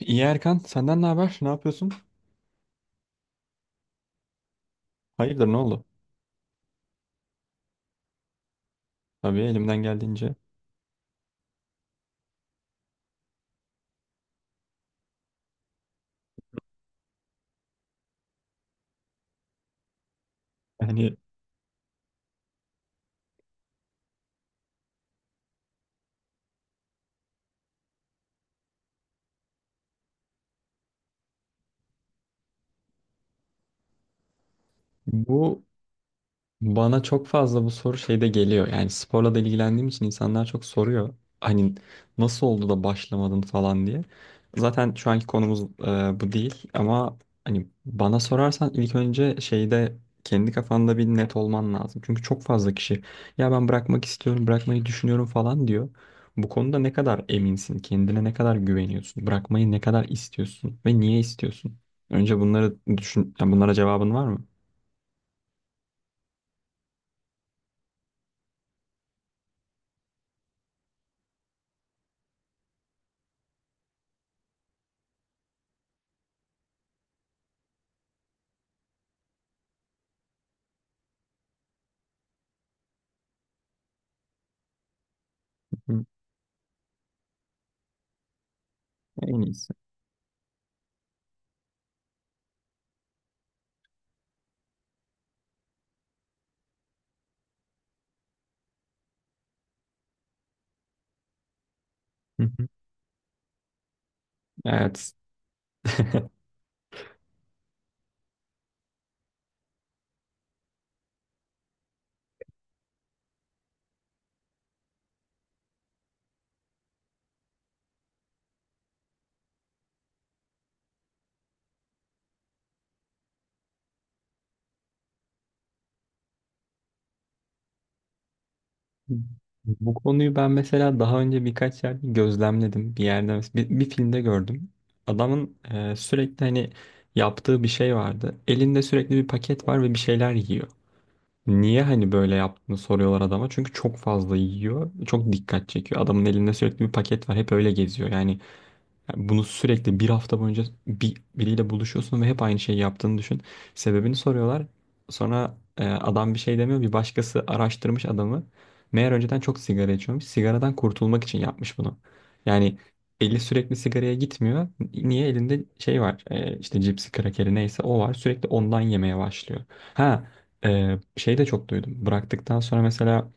İyi Erkan, senden ne haber? Ne yapıyorsun? Hayırdır, ne oldu? Tabii elimden geldiğince. Yani bu bana çok fazla bu soru şeyde geliyor. Yani sporla da ilgilendiğim için insanlar çok soruyor. Hani nasıl oldu da başlamadın falan diye. Zaten şu anki konumuz bu değil ama hani bana sorarsan ilk önce şeyde kendi kafanda bir net olman lazım. Çünkü çok fazla kişi ya ben bırakmak istiyorum, bırakmayı düşünüyorum falan diyor. Bu konuda ne kadar eminsin, kendine ne kadar güveniyorsun, bırakmayı ne kadar istiyorsun ve niye istiyorsun? Önce bunları düşün, yani bunlara cevabın var mı? Hı, en iyisi. Hı hı. Evet. Bu konuyu ben mesela daha önce birkaç yerde gözlemledim. Bir yerde bir filmde gördüm. Adamın sürekli hani yaptığı bir şey vardı. Elinde sürekli bir paket var ve bir şeyler yiyor. Niye hani böyle yaptığını soruyorlar adama. Çünkü çok fazla yiyor. Çok dikkat çekiyor. Adamın elinde sürekli bir paket var. Hep öyle geziyor. Yani yani bunu sürekli bir hafta boyunca biriyle buluşuyorsun ve hep aynı şeyi yaptığını düşün. Sebebini soruyorlar. Sonra adam bir şey demiyor. Bir başkası araştırmış adamı. Meğer önceden çok sigara içiyormuş. Sigaradan kurtulmak için yapmış bunu. Yani eli sürekli sigaraya gitmiyor. Niye? Elinde şey var. E, işte cipsi, krakeri neyse o var. Sürekli ondan yemeye başlıyor. Ha şey de çok duydum. Bıraktıktan sonra mesela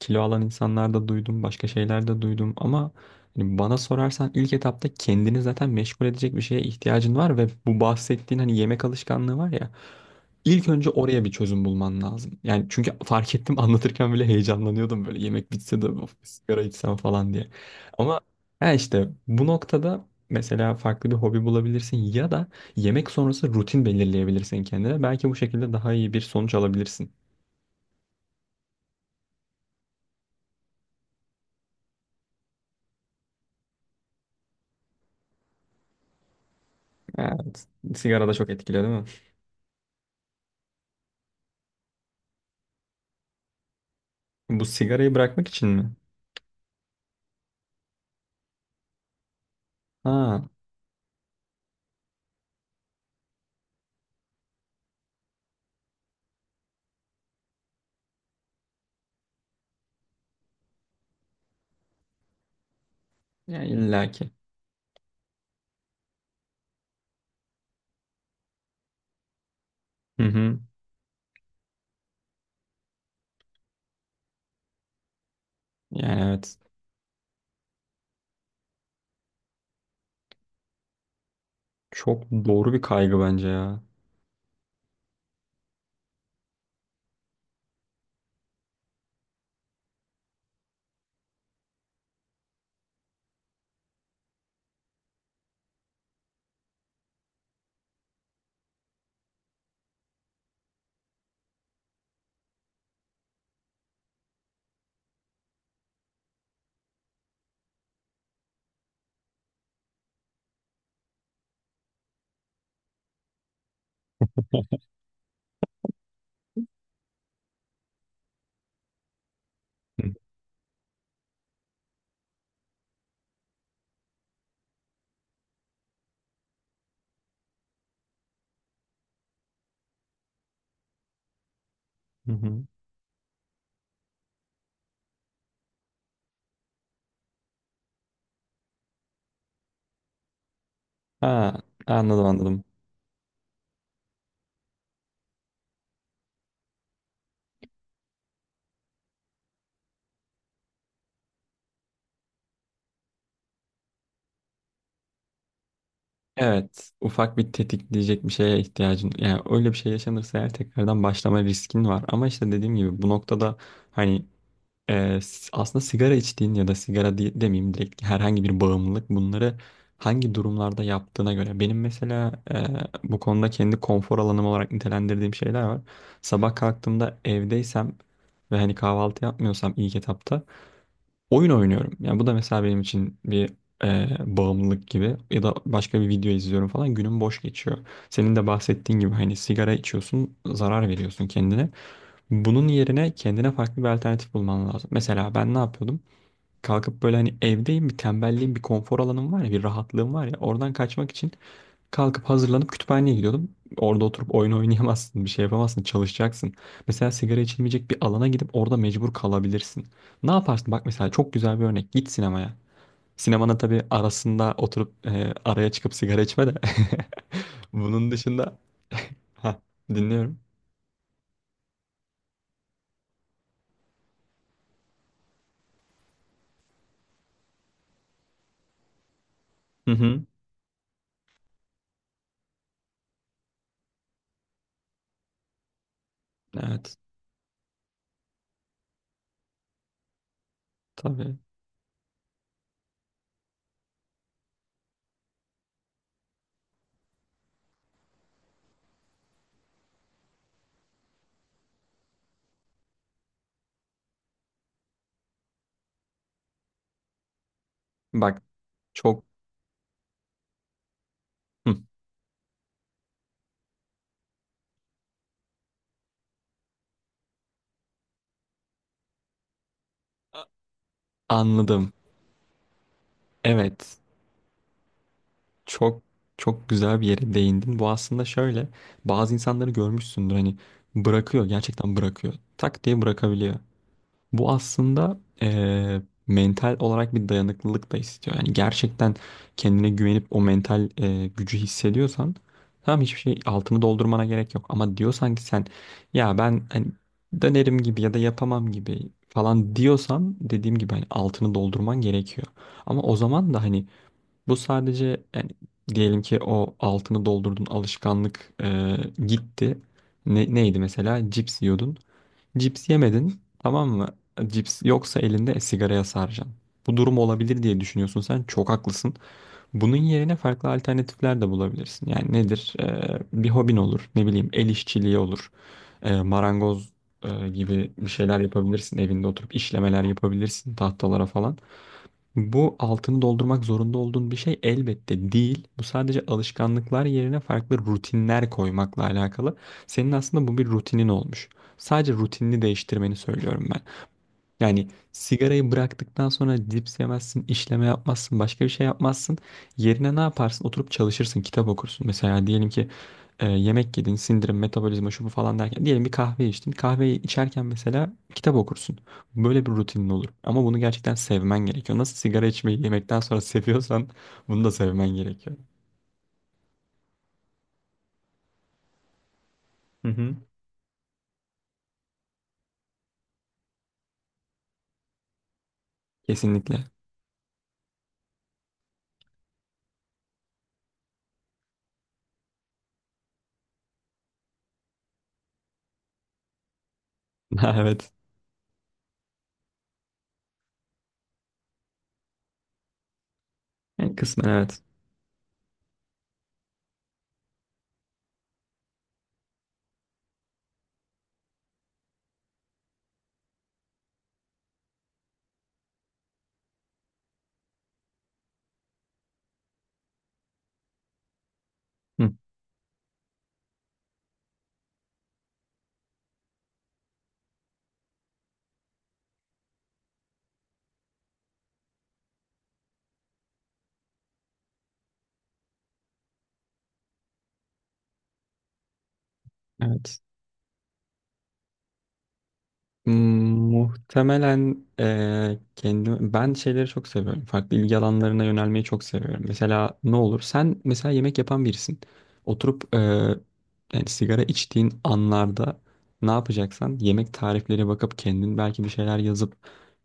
kilo alan insanlarda duydum. Başka şeyler de duydum. Ama yani bana sorarsan ilk etapta kendini zaten meşgul edecek bir şeye ihtiyacın var ve bu bahsettiğin hani yemek alışkanlığı var ya ilk önce oraya bir çözüm bulman lazım. Yani çünkü fark ettim anlatırken bile heyecanlanıyordum böyle yemek bitse de of, bir sigara içsem falan diye. Ama ha işte bu noktada mesela farklı bir hobi bulabilirsin ya da yemek sonrası rutin belirleyebilirsin kendine. Belki bu şekilde daha iyi bir sonuç alabilirsin. Evet. Sigara da çok etkiliyor değil mi? Bu sigarayı bırakmak için mi? Ha, yani illaki. Hı hı. Yani evet. Çok doğru bir kaygı bence ya. Hı. Hı hı. Ha, anladım anladım. Evet. Ufak bir tetikleyecek bir şeye ihtiyacın. Yani öyle bir şey yaşanırsa eğer tekrardan başlama riskin var. Ama işte dediğim gibi bu noktada hani aslında sigara içtiğin ya da sigara diye, demeyeyim direkt herhangi bir bağımlılık bunları hangi durumlarda yaptığına göre. Benim mesela bu konuda kendi konfor alanım olarak nitelendirdiğim şeyler var. Sabah kalktığımda evdeysem ve hani kahvaltı yapmıyorsam ilk etapta oyun oynuyorum. Yani bu da mesela benim için bir e, bağımlılık gibi ya da başka bir video izliyorum falan günüm boş geçiyor. Senin de bahsettiğin gibi hani sigara içiyorsun zarar veriyorsun kendine. Bunun yerine kendine farklı bir alternatif bulman lazım. Mesela ben ne yapıyordum? Kalkıp böyle hani evdeyim bir tembelliğim bir konfor alanım var ya bir rahatlığım var ya oradan kaçmak için kalkıp hazırlanıp kütüphaneye gidiyordum. Orada oturup oyun oynayamazsın bir şey yapamazsın çalışacaksın. Mesela sigara içilmeyecek bir alana gidip orada mecbur kalabilirsin. Ne yaparsın? Bak mesela çok güzel bir örnek git sinemaya. Sinemanın tabii arasında oturup araya çıkıp sigara içme de. Bunun dışında ha dinliyorum. Hı hı. Evet tabii. Bak çok Hı, anladım. Evet. Çok çok güzel bir yere değindin. Bu aslında şöyle. Bazı insanları görmüşsündür hani bırakıyor. Gerçekten bırakıyor. Tak diye bırakabiliyor. Bu aslında mental olarak bir dayanıklılık da istiyor. Yani gerçekten kendine güvenip o mental gücü hissediyorsan tamam hiçbir şey altını doldurmana gerek yok. Ama diyorsan ki sen ya ben hani dönerim gibi ya da yapamam gibi falan diyorsan dediğim gibi hani altını doldurman gerekiyor. Ama o zaman da hani bu sadece yani diyelim ki o altını doldurdun alışkanlık gitti. Neydi mesela? Cips yiyordun. Cips yemedin tamam mı? Cips yoksa elinde sigaraya saracaksın. Bu durum olabilir diye düşünüyorsun sen. Çok haklısın. Bunun yerine farklı alternatifler de bulabilirsin. Yani nedir? Bir hobin olur. Ne bileyim el işçiliği olur. Marangoz gibi bir şeyler yapabilirsin. Evinde oturup işlemeler yapabilirsin tahtalara falan. Bu altını doldurmak zorunda olduğun bir şey elbette değil. Bu sadece alışkanlıklar yerine farklı rutinler koymakla alakalı. Senin aslında bu bir rutinin olmuş. Sadece rutinini değiştirmeni söylüyorum ben. Yani sigarayı bıraktıktan sonra cips yemezsin, işleme yapmazsın, başka bir şey yapmazsın. Yerine ne yaparsın? Oturup çalışırsın, kitap okursun. Mesela diyelim ki yemek yedin, sindirim, metabolizma, şu bu falan derken. Diyelim bir kahve içtin. Kahveyi içerken mesela kitap okursun. Böyle bir rutinin olur. Ama bunu gerçekten sevmen gerekiyor. Nasıl sigara içmeyi yemekten sonra seviyorsan bunu da sevmen gerekiyor. Hı hı. Kesinlikle. Ha, evet. Yani kısmen evet. Hı. Evet. Hmm, muhtemelen kendim ben şeyleri çok seviyorum. Farklı ilgi alanlarına yönelmeyi çok seviyorum. Mesela ne olur? Sen mesela yemek yapan birisin. Oturup yani sigara içtiğin anlarda ne yapacaksan yemek tarifleri bakıp kendin belki bir şeyler yazıp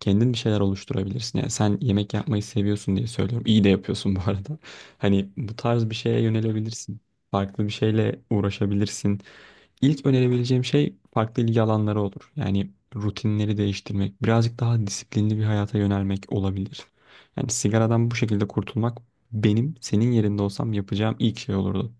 kendin bir şeyler oluşturabilirsin. Yani sen yemek yapmayı seviyorsun diye söylüyorum. İyi de yapıyorsun bu arada. Hani bu tarz bir şeye yönelebilirsin. Farklı bir şeyle uğraşabilirsin. İlk önerebileceğim şey farklı ilgi alanları olur. Yani rutinleri değiştirmek, birazcık daha disiplinli bir hayata yönelmek olabilir. Yani sigaradan bu şekilde kurtulmak benim senin yerinde olsam yapacağım ilk şey olurdu.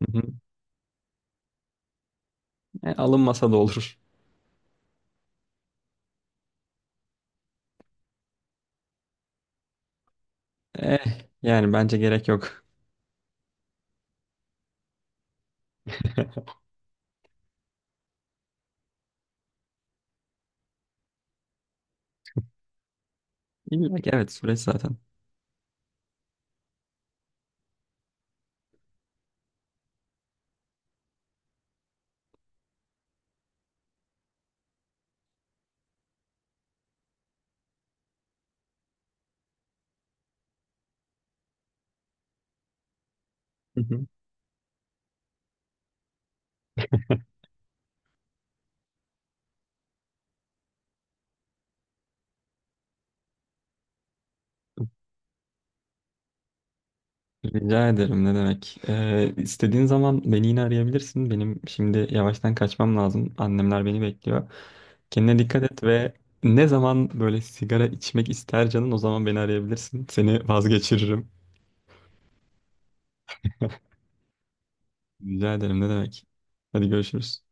Hı hı. E, alınmasa da olur. Eh, yani bence gerek yok. İlla ki evet süreç zaten. Hı hı. Rica ederim ne demek. İstediğin zaman beni yine arayabilirsin. Benim şimdi yavaştan kaçmam lazım. Annemler beni bekliyor. Kendine dikkat et ve ne zaman böyle sigara içmek ister canın o zaman beni arayabilirsin. Seni vazgeçiririm. Rica ederim ne demek. Hadi görüşürüz.